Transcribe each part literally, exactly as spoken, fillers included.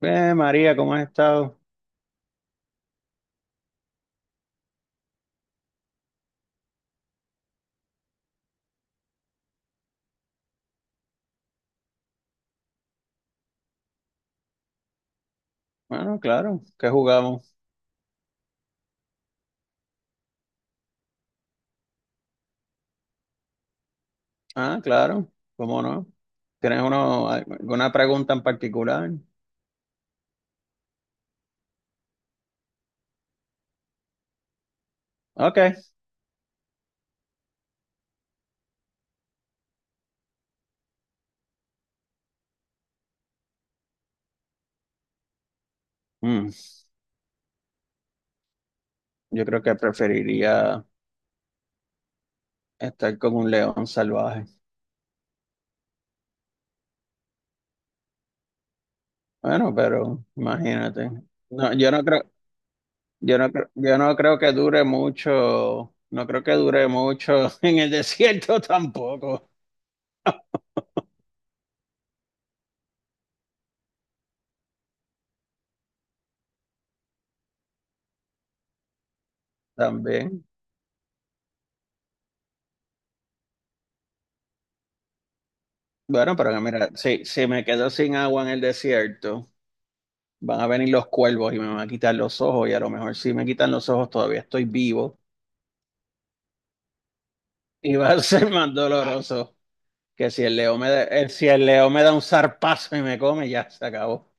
Eh, María, ¿cómo has estado? Bueno, claro, ¿qué jugamos? Ah, claro, ¿cómo no? ¿Tienes uno, alguna pregunta en particular? Ok. Mm, yo creo que preferiría estar con un león salvaje. Bueno, pero imagínate. No, yo no creo, yo no creo, yo no creo que dure mucho, no creo que dure mucho en el desierto tampoco. También. Bueno, pero mira, si, si me quedo sin agua en el desierto. Van a venir los cuervos y me van a quitar los ojos y a lo mejor si me quitan los ojos todavía estoy vivo y va a ser más doloroso que si el león me da, eh, si el león me da un zarpazo y me come, ya se acabó.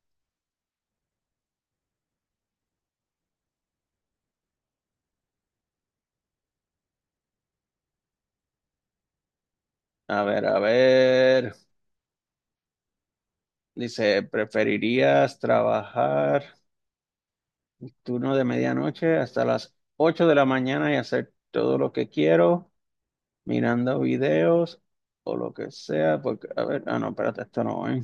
A ver, a ver. Dice, ¿preferirías trabajar turno de medianoche hasta las ocho de la mañana y hacer todo lo que quiero, mirando videos o lo que sea? Porque, a ver, ah, no, espérate, esto no, ¿eh?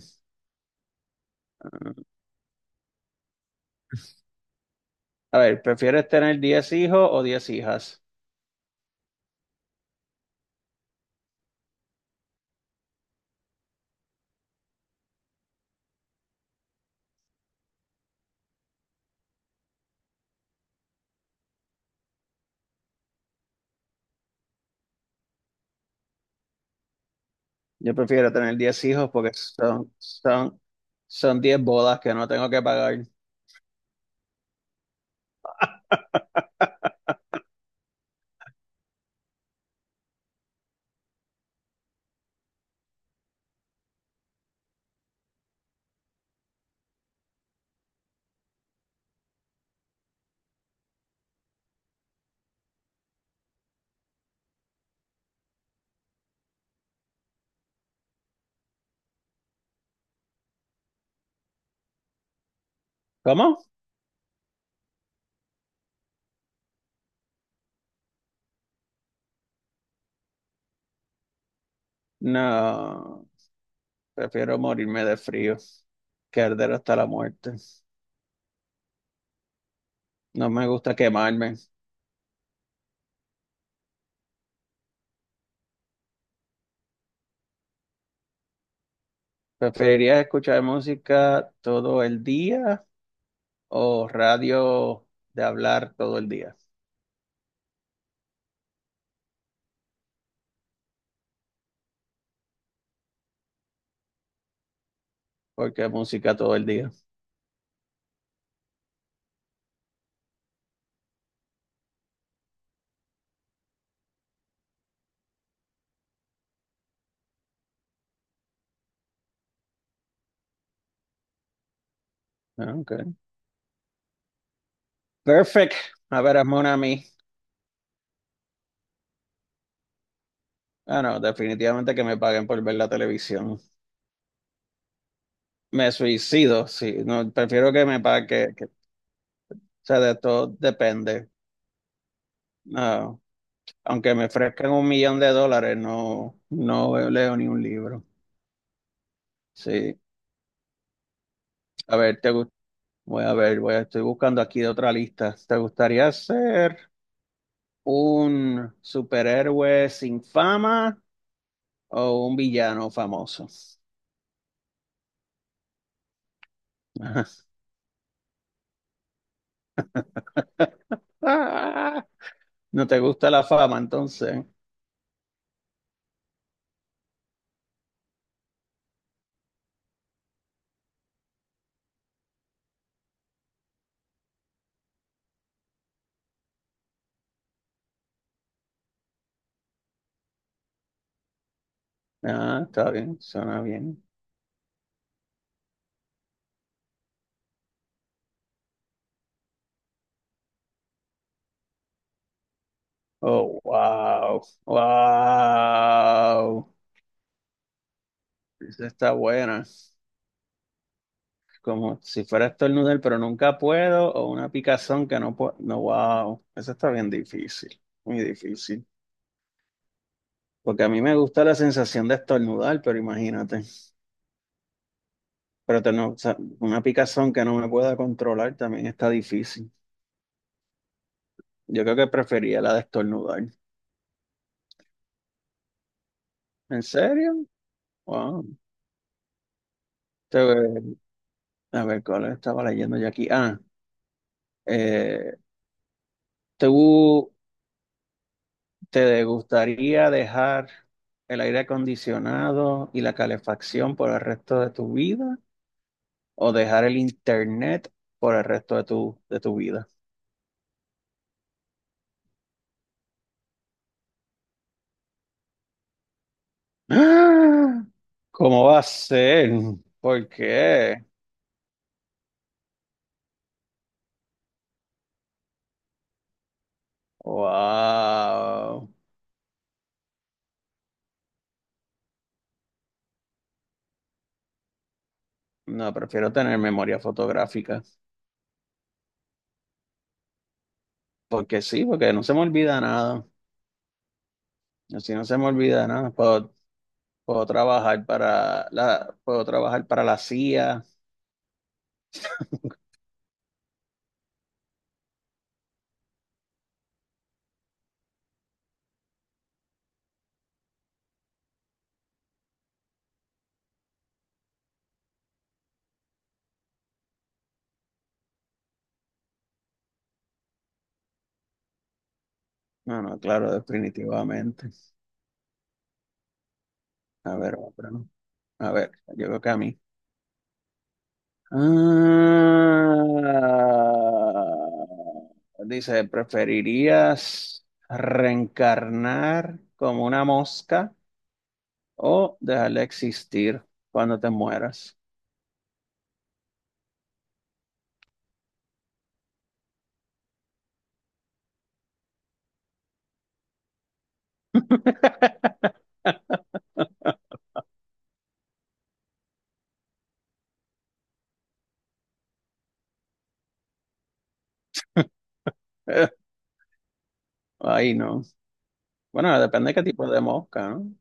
A ver, ¿prefieres tener diez hijos o diez hijas? Yo prefiero tener diez hijos porque son, son, son diez bodas que no tengo que pagar. ¿Cómo? No, prefiero morirme de frío que arder hasta la muerte. No me gusta quemarme. ¿Preferirías escuchar música todo el día o radio de hablar todo el día? Porque música todo el día. Ah, okay. Perfect. A ver, hazme una a mí. Ah, no, definitivamente que me paguen por ver la televisión. Me suicido, sí. No, prefiero que me paguen. O sea, de todo depende. Ah, aunque me ofrezcan un millón de dólares, no, no leo ni un libro. Sí. A ver, te gu- voy a ver, voy a- estoy buscando aquí de otra lista. ¿Te gustaría ser un superhéroe sin fama o un villano famoso? Ah, ¿no te gusta la fama entonces? Ah, está bien, suena bien. Oh, wow, wow. Esa está buena. Como si fuera a estornudar, pero nunca puedo, o una picazón que no puedo. No, wow, eso está bien difícil, muy difícil. Porque a mí me gusta la sensación de estornudar, pero imagínate. Pero tener, o sea, una picazón que no me pueda controlar también está difícil. Yo creo que prefería la de estornudar. ¿En serio? Wow. Te- A ver, ¿cuál estaba leyendo yo aquí? Ah, eh, tú. ¿Te gustaría dejar el aire acondicionado y la calefacción por el resto de tu vida o dejar el internet por el resto de tu, de tu vida? ¡Ah! ¿Cómo va a ser? ¿Por qué? Wow. No, prefiero tener memoria fotográfica. Porque sí, porque no se me olvida nada. Así no se me olvida nada. Puedo, puedo trabajar para la, puedo trabajar para la C I A. No, no, claro, definitivamente. A ver, otra, ¿no? A ver, llegó acá a mí. Ah, dice, ¿preferirías reencarnar como una mosca o dejar de existir cuando te mueras? Ahí no. Bueno, depende de qué tipo de mosca, ¿no?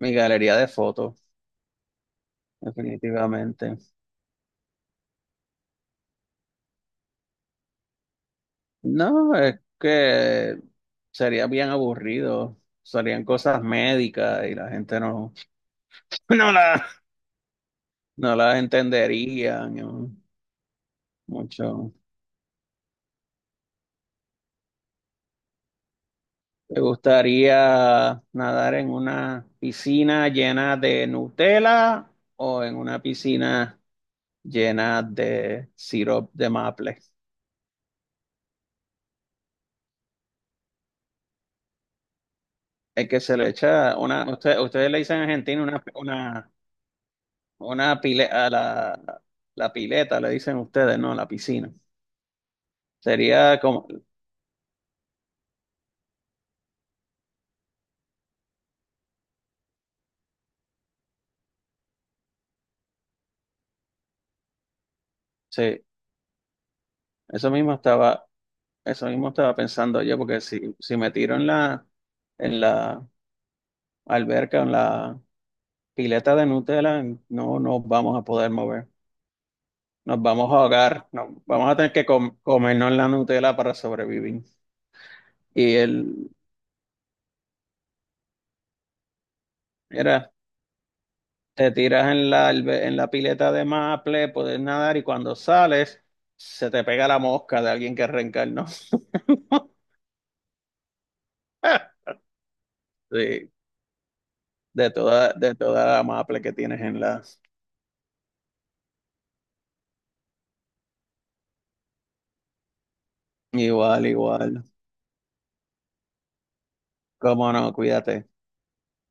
Mi galería de fotos, definitivamente. No, es que sería bien aburrido. Serían cosas médicas y la gente no, no la, no las entendería, ¿no? Mucho. ¿Te gustaría nadar en una piscina llena de Nutella o en una piscina llena de sirope de maple? Es que se le echa una, usted- ustedes le dicen en Argentina una, una, una pile, a la, la pileta, le dicen ustedes, no, la piscina. Sería como, sí, eso mismo estaba, eso mismo estaba pensando yo, porque si, si me tiro en la, en la alberca, en la pileta de Nutella, no nos vamos a poder mover. Nos vamos a ahogar, no, vamos a tener que com- comernos la Nutella para sobrevivir. Y él, era, te tiras en la, albe- en la pileta de maple, puedes nadar y cuando sales, se te pega la mosca de alguien que reencarnó. Sí, de toda, de toda la maple que tienes en la... Igual, igual. Cómo no, cuídate.